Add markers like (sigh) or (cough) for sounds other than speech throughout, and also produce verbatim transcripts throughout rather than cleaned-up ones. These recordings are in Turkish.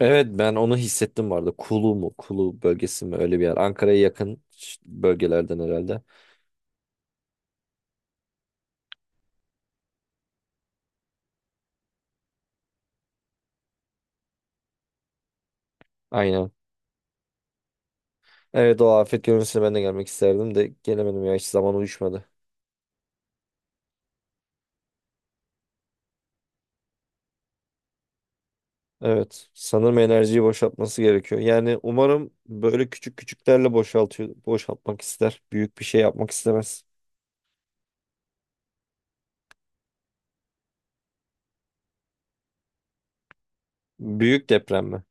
Evet ben onu hissettim vardı. Kulu mu? Kulu bölgesi mi? Öyle bir yer. Ankara'ya yakın ş- bölgelerden herhalde. Aynen. Evet, o afet görüntüsüne ben de gelmek isterdim de gelemedim ya. Hiç zaman uyuşmadı. Evet. Sanırım enerjiyi boşaltması gerekiyor. Yani umarım böyle küçük küçüklerle boşaltıyor, boşaltmak ister. Büyük bir şey yapmak istemez. Büyük deprem mi?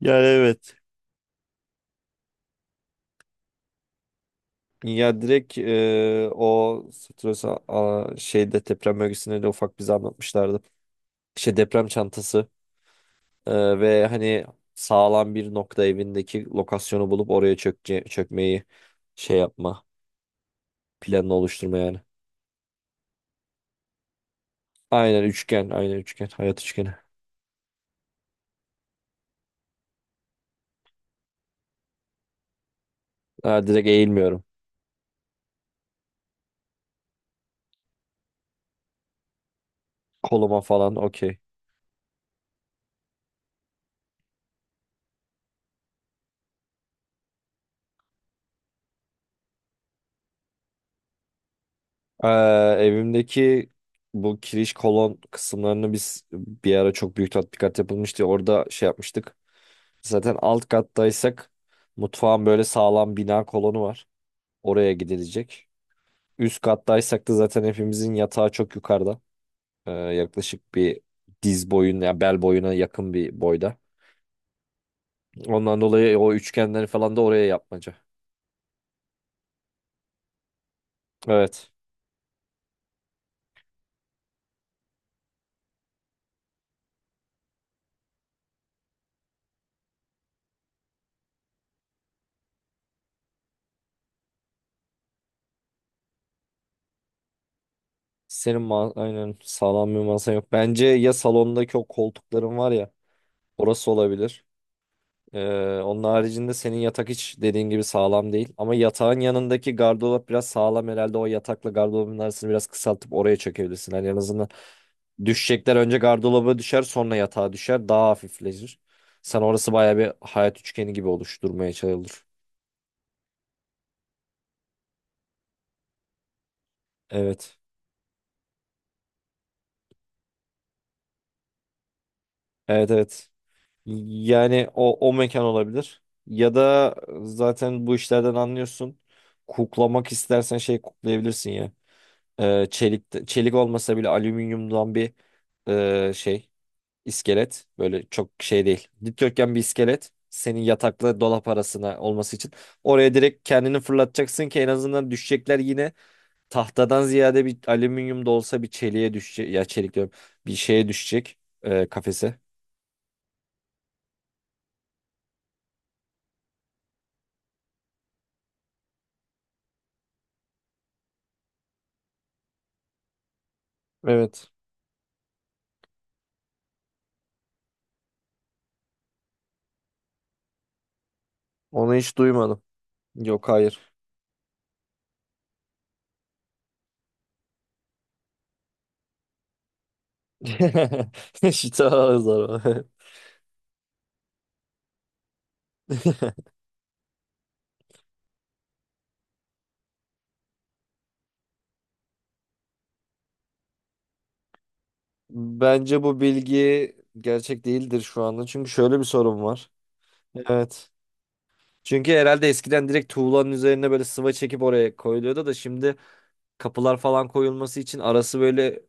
Yani evet. Ya direkt e, o Stresa a- şeyde deprem bölgesinde de ufak bize anlatmışlardı. İşte deprem çantası. Ee, ve hani sağlam bir nokta evindeki lokasyonu bulup oraya çökce, çökmeyi şey yapma. Planını oluşturma yani. Aynen üçgen. Aynen üçgen. Hayat üçgeni. Ha, direkt eğilmiyorum. Koluma falan okey. Ee, Evimdeki bu kiriş kolon kısımlarını biz bir ara çok büyük tatbikat yapılmıştı. Orada şey yapmıştık. Zaten alt kattaysak mutfağın böyle sağlam bina kolonu var. Oraya gidilecek. Üst kattaysak da zaten hepimizin yatağı çok yukarıda. Ee, yaklaşık bir diz boyuna, ya bel boyuna yakın bir boyda. Ondan dolayı o üçgenleri falan da oraya yapmaca. Evet. Senin ma aynen sağlam bir masan yok. Bence ya salondaki o koltukların var ya, orası olabilir. Ee, onun haricinde senin yatak hiç dediğin gibi sağlam değil. Ama yatağın yanındaki gardırop biraz sağlam herhalde. O yatakla gardırobun arasını biraz kısaltıp oraya çekebilirsin. Hani en azından düşecekler önce gardıroba düşer, sonra yatağa düşer, daha hafifleşir. Sen orası baya bir hayat üçgeni gibi oluşturmaya çalışılır. Evet. Evet, evet. Yani o, o mekan olabilir. Ya da zaten bu işlerden anlıyorsun. Kuklamak istersen şey kuklayabilirsin ya. Ee, çelik, çelik olmasa bile alüminyumdan bir e, şey. İskelet. Böyle çok şey değil. Dikdörtgen bir iskelet. Senin yatakla dolap arasına olması için. Oraya direkt kendini fırlatacaksın ki en azından düşecekler yine tahtadan ziyade bir alüminyum da olsa bir çeliğe düşecek. Ya çelik diyorum. Bir şeye düşecek e, kafese. Evet. Onu hiç duymadım. Yok, hayır. (laughs) Şita zarı. (laughs) Bence bu bilgi gerçek değildir şu anda. Çünkü şöyle bir sorun var. Evet. Çünkü herhalde eskiden direkt tuğlanın üzerine böyle sıva çekip oraya koyuluyordu da şimdi kapılar falan koyulması için arası böyle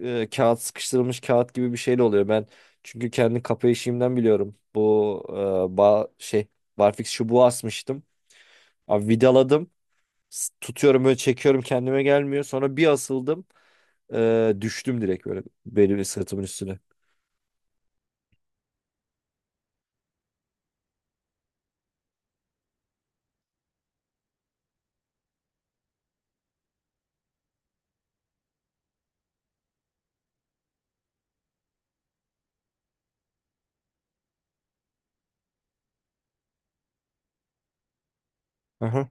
e, kağıt sıkıştırılmış kağıt gibi bir şeyle oluyor. Ben çünkü kendi kapı işimden biliyorum. Bu e, ba şey barfix çubuğu asmıştım. Abi vidaladım. S- Tutuyorum, böyle çekiyorum, kendime gelmiyor. Sonra bir asıldım. E, düştüm direkt böyle benim sırtımın üstüne. Aha.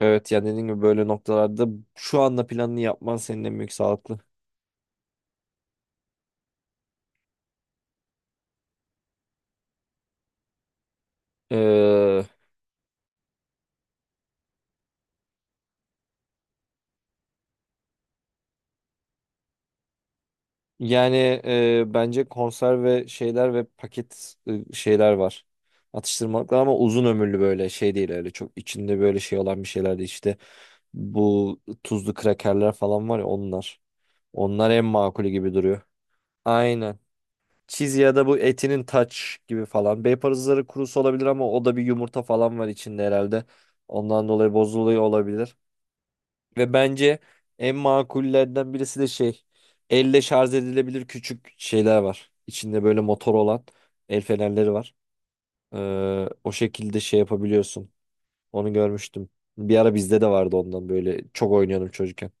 Evet yani dediğim gibi böyle noktalarda şu anda planını yapman senin en büyük sağlıklı. E, Yani e, bence konserve şeyler ve paket e, şeyler var. Atıştırmalıklar ama uzun ömürlü, böyle şey değil, öyle çok içinde böyle şey olan bir şeyler değil, işte bu tuzlu krakerler falan var ya, onlar. Onlar en makulü gibi duruyor. Aynen. Cheese ya da bu etinin taç gibi falan. Bey parızları kurusu olabilir ama o da bir yumurta falan var içinde herhalde. Ondan dolayı bozuluyor olabilir. Ve bence en makullerden birisi de şey, elle şarj edilebilir küçük şeyler var. İçinde böyle motor olan el fenerleri var. Ee, o şekilde şey yapabiliyorsun. Onu görmüştüm. Bir ara bizde de vardı, ondan böyle çok oynuyordum çocukken.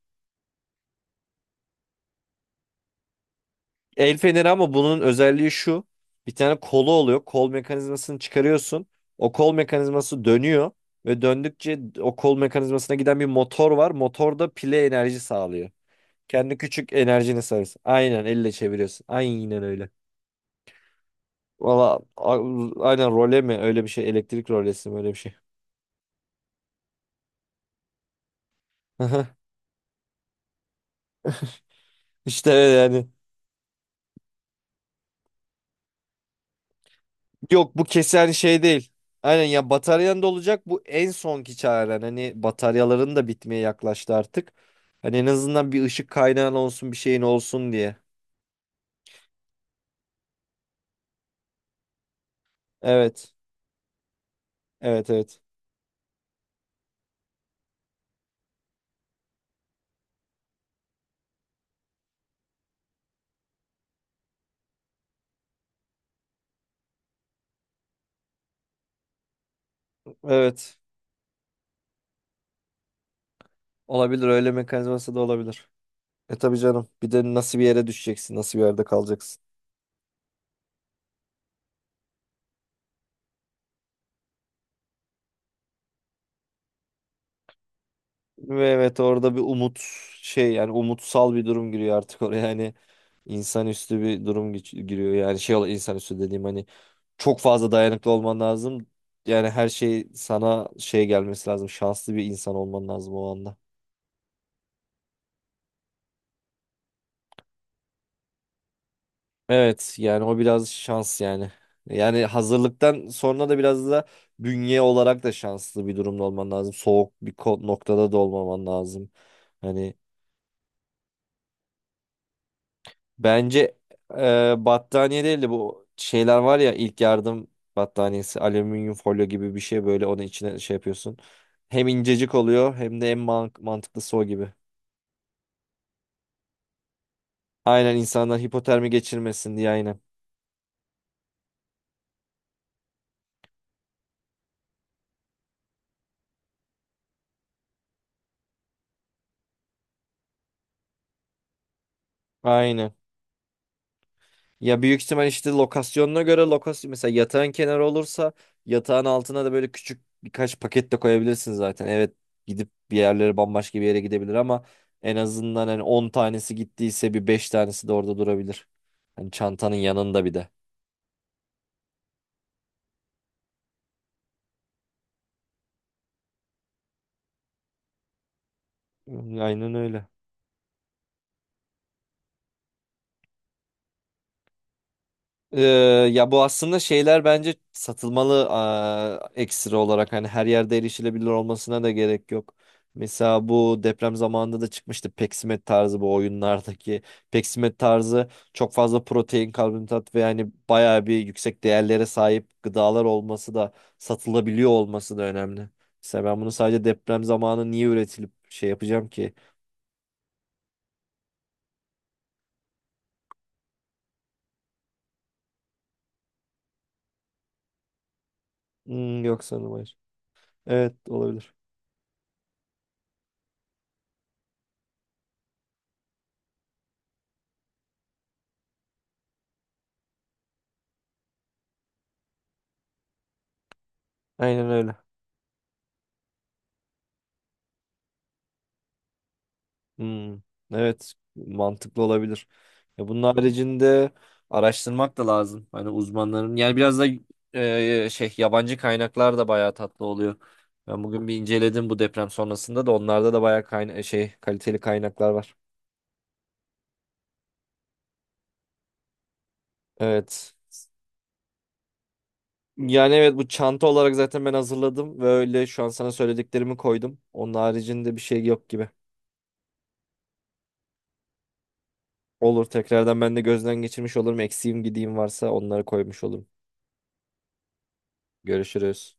El feneri, ama bunun özelliği şu. Bir tane kolu oluyor. Kol mekanizmasını çıkarıyorsun. O kol mekanizması dönüyor ve döndükçe o kol mekanizmasına giden bir motor var. Motor da pile enerji sağlıyor. Kendi küçük enerjini sarıyorsun. Aynen elle çeviriyorsun. Aynen öyle. Valla a- aynen, role mi öyle bir şey, elektrik rolesi mi öyle bir şey. (laughs) İşte öyle yani. Yok, bu kesen şey değil. Aynen, ya bataryan da olacak, bu en sonki çaren. Hani bataryaların da bitmeye yaklaştı artık. Hani en azından bir ışık kaynağın olsun, bir şeyin olsun diye. Evet. Evet, evet. Evet. Olabilir, öyle mekanizması da olabilir. E tabii canım. Bir de nasıl bir yere düşeceksin, nasıl bir yerde kalacaksın. Ve evet, orada bir umut şey yani, umutsal bir durum giriyor artık oraya yani, insanüstü bir durum geç- giriyor yani, şey ol- insanüstü dediğim hani çok fazla dayanıklı olman lazım, yani her şey sana şey gelmesi lazım, şanslı bir insan olman lazım o anda. Evet yani o biraz şans yani, yani hazırlıktan sonra da biraz da bünye olarak da şanslı bir durumda olman lazım, soğuk bir ko- noktada da olmaman lazım hani. Bence e, battaniye değil de bu şeyler var ya, ilk yardım battaniyesi, alüminyum folyo gibi bir şey, böyle onun içine şey yapıyorsun. Hem incecik oluyor hem de en man mantıklısı o gibi. Aynen, insanlar hipotermi geçirmesin diye, aynen. Aynen. Ya büyük ihtimal işte lokasyonuna göre lokasyon, mesela yatağın kenarı olursa yatağın altına da böyle küçük birkaç paket de koyabilirsin zaten. Evet, gidip bir yerlere bambaşka bir yere gidebilir ama en azından hani on tanesi gittiyse bir beş tanesi de orada durabilir. Hani çantanın yanında bir de. Aynen öyle. Ee, Ya bu aslında şeyler bence satılmalı, aa, ekstra olarak, hani her yerde erişilebilir olmasına da gerek yok. Mesela bu deprem zamanında da çıkmıştı peksimet tarzı, bu oyunlardaki peksimet tarzı, çok fazla protein, karbonhidrat ve yani bayağı bir yüksek değerlere sahip gıdalar olması da, satılabiliyor olması da önemli. Mesela ben bunu sadece deprem zamanı niye üretilip şey yapacağım ki? Hmm, yok sanırım hayır. Evet, olabilir. Aynen öyle. Hmm, evet, mantıklı olabilir. Ya bunun haricinde araştırmak da lazım. Hani uzmanların yani biraz da e, şey, yabancı kaynaklar da bayağı tatlı oluyor. Ben bugün bir inceledim bu deprem sonrasında da, onlarda da bayağı kayna şey kaliteli kaynaklar var. Evet. Yani evet, bu çanta olarak zaten ben hazırladım ve öyle şu an sana söylediklerimi koydum. Onun haricinde bir şey yok gibi. Olur, tekrardan ben de gözden geçirmiş olurum. Eksiğim gideyim varsa onları koymuş olurum. Görüşürüz.